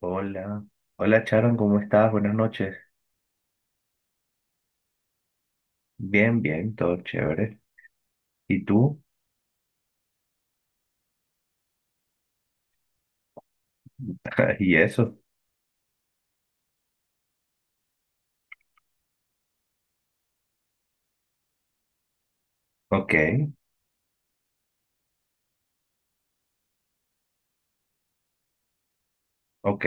Hola, hola Charon, ¿cómo estás? Buenas noches. Bien, bien, todo chévere. ¿Y tú? ¿Y eso? Ok, ok,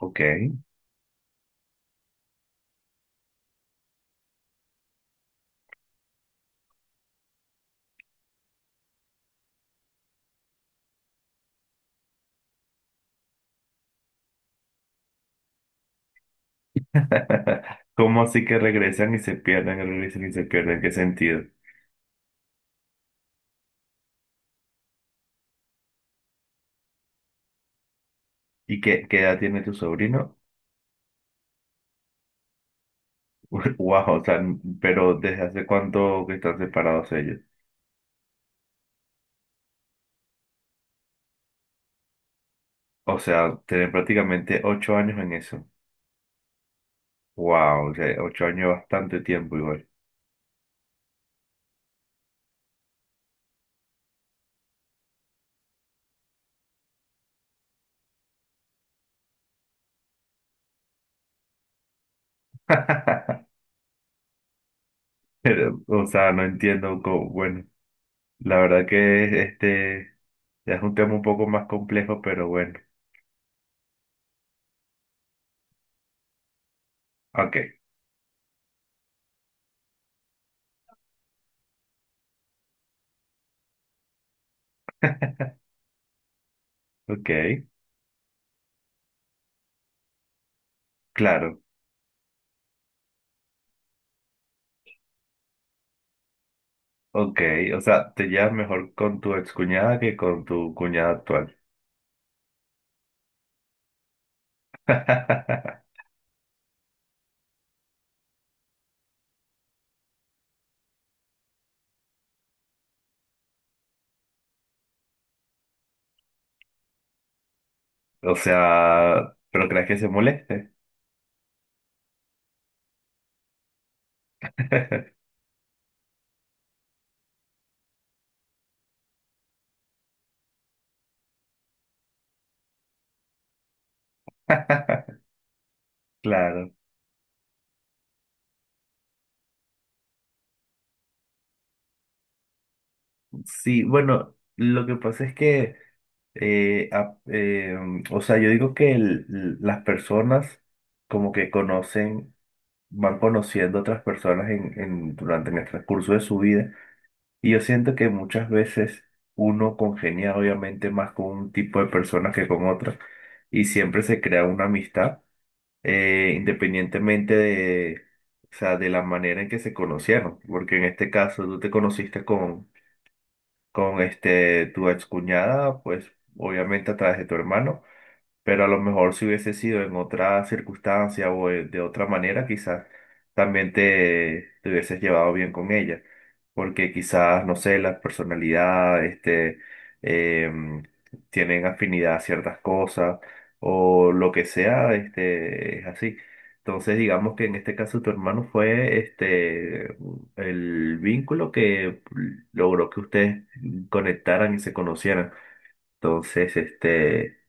ok. ¿Cómo así que regresan y se pierden, regresan y se pierden? ¿En ¿Qué sentido? ¿Y qué, qué edad tiene tu sobrino? Wow, o sea, pero ¿desde hace cuánto que están separados ellos? O sea, tienen prácticamente 8 años en eso. Wow, o sea, 8 años es bastante tiempo igual. Pero, o sea, no entiendo cómo, bueno. La verdad que ya es un tema un poco más complejo, pero bueno. Ok, ok, claro, ok. O sea, te llevas mejor con tu excuñada que con tu cuñada actual. O sea, ¿pero crees que se moleste? Claro, sí, bueno, lo que pasa es que, eh, a- eh, o sea, yo digo que las personas como que conocen. Van conociendo otras personas durante en el transcurso de su vida. Y yo siento que muchas veces uno congenia obviamente más con un tipo de personas que con otras y siempre se crea una amistad independientemente de, o sea, de la manera en que se conocieron. Porque en este caso tú te conociste con tu excuñada, pues obviamente a través de tu hermano, pero a lo mejor si hubiese sido en otra circunstancia o de otra manera, quizás también te hubieses llevado bien con ella, porque quizás, no sé, la personalidad, em, tienen afinidad a ciertas cosas o lo que sea, es así. Entonces, digamos que en este caso tu hermano fue el vínculo que logró que ustedes conectaran y se conocieran. Entonces, este,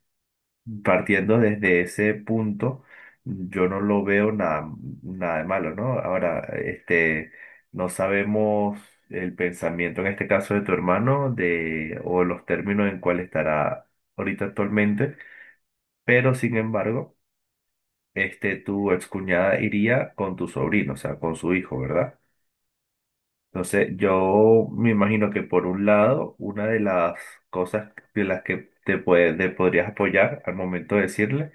Partiendo desde ese punto, yo no lo veo nada, nada de malo, ¿no? Ahora, no sabemos el pensamiento en este caso de tu hermano de, o los términos en cuál estará ahorita actualmente, pero sin embargo, tu excuñada iría con tu sobrino, o sea, con su hijo, ¿verdad? Entonces, yo me imagino que por un lado, una de las cosas de las que puede, te podrías apoyar al momento de decirle,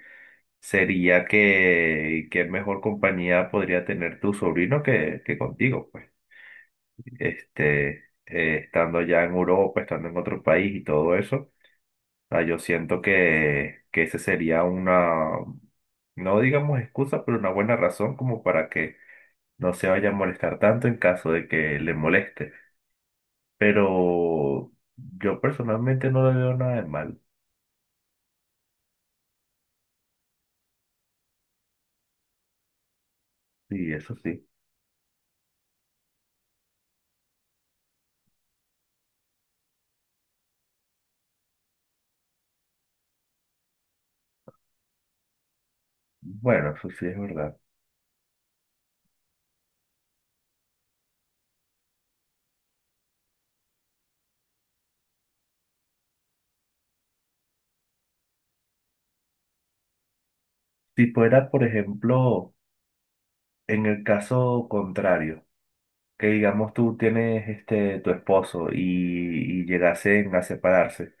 sería que qué mejor compañía podría tener tu sobrino que contigo, pues, estando ya en Europa, estando en otro país y todo eso, ah, yo siento que ese sería una, no digamos excusa, pero una buena razón como para que no se vaya a molestar tanto en caso de que le moleste. Pero yo personalmente no le veo nada de mal, sí, eso sí. Bueno, eso sí es verdad. Si fuera, por ejemplo, en el caso contrario, que digamos tú tienes tu esposo y llegasen a separarse,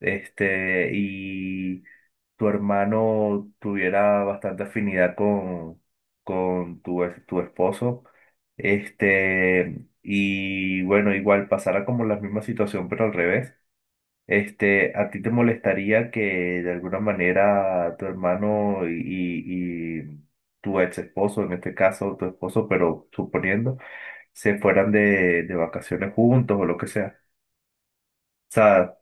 y tu hermano tuviera bastante afinidad con tu esposo, y bueno, igual pasara como la misma situación, pero al revés. ¿A ti te molestaría que de alguna manera tu hermano tu ex esposo, en este caso tu esposo, pero suponiendo, se fueran de vacaciones juntos o lo que sea? O sea,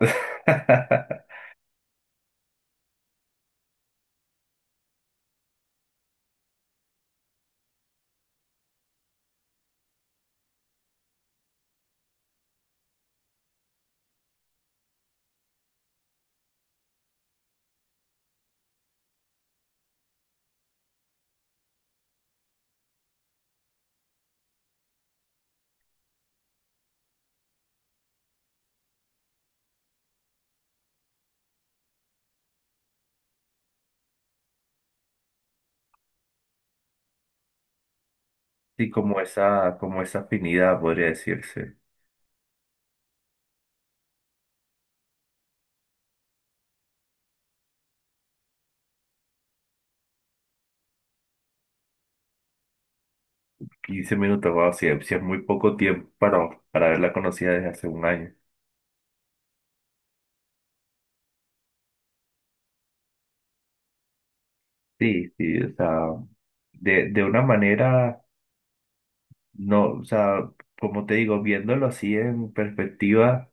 sí, como esa afinidad, podría decirse. 15 minutos, wow, sí, sí es muy poco tiempo para haberla conocida desde hace un año. Sí, sí, o sea, de una manera. No, o sea, como te digo, viéndolo así en perspectiva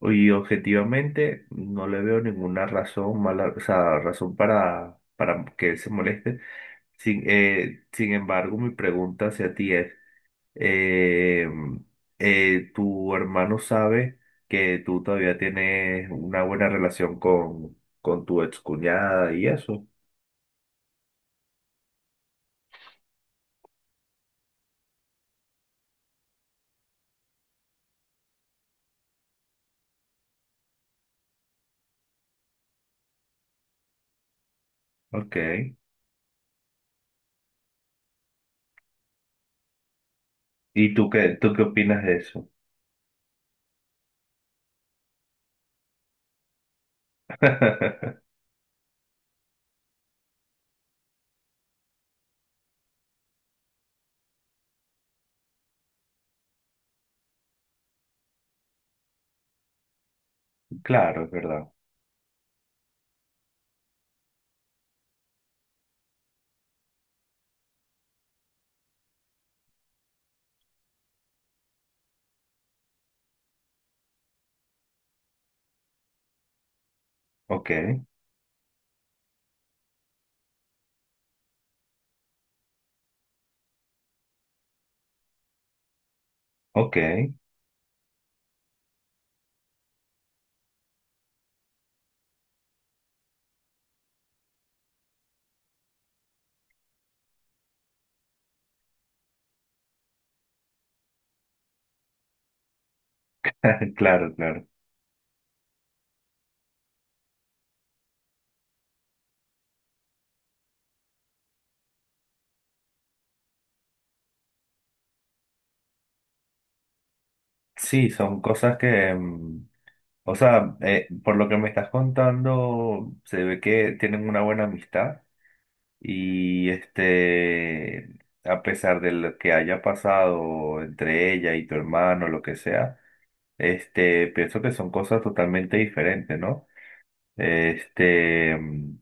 y objetivamente, no le veo ninguna razón mala, o sea, razón para que él se moleste. Sin embargo, mi pregunta hacia ti es, eh, ¿tu hermano sabe que tú todavía tienes una buena relación con tu excuñada y eso? Ok. ¿Y tú qué opinas de eso? Claro, es verdad. Ok, ok. Claro, claro. Sí, son cosas que, mm, o sea, por lo que me estás contando, se ve que tienen una buena amistad y a pesar de lo que haya pasado entre ella y tu hermano, lo que sea, pienso que son cosas totalmente diferentes, ¿no? Este, mm,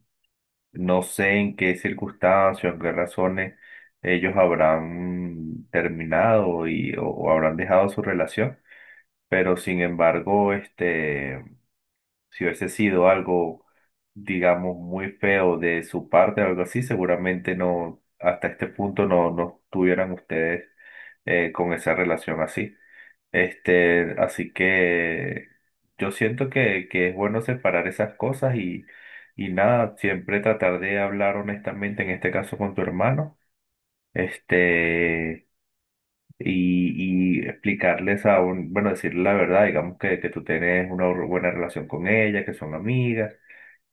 no sé en qué circunstancias, en qué razones ellos habrán terminado y, o habrán dejado su relación. Pero sin embargo, si hubiese sido algo, digamos, muy feo de su parte o algo así, seguramente no, hasta este punto no, no estuvieran ustedes con esa relación así. Así que yo siento que es bueno separar esas cosas y nada, siempre tratar de hablar honestamente, en este caso con tu hermano. Este y explicarles a un, bueno, decirle la verdad, digamos que tú tienes una buena relación con ella, que son amigas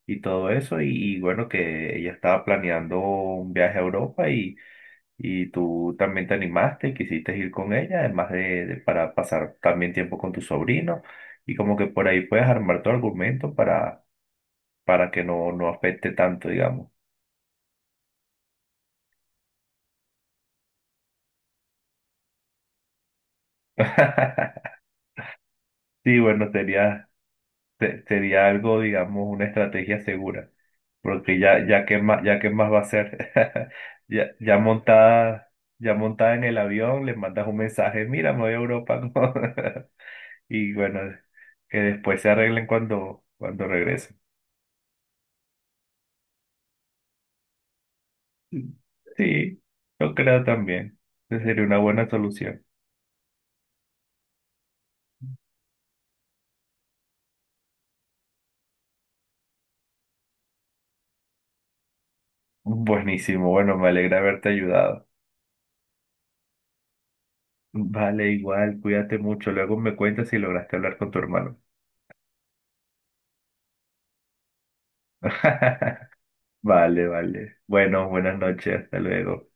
y todo eso, y bueno, que ella estaba planeando un viaje a Europa y tú también te animaste y quisiste ir con ella, además de, para pasar también tiempo con tu sobrino, y como que por ahí puedes armar tu argumento para que no, no afecte tanto, digamos. Sí, bueno, sería, sería algo, digamos, una estrategia segura. Porque ya, ya qué más va a hacer. Ya, ya montada en el avión, le mandas un mensaje, mira, me voy a Europa. ¿No? Y bueno, que después se arreglen cuando, cuando regresen. Sí, yo creo también. Esa sería una buena solución. Buenísimo, bueno, me alegra haberte ayudado. Vale, igual, cuídate mucho. Luego me cuentas si lograste hablar con tu hermano. Vale, vale. Bueno, buenas noches, hasta luego.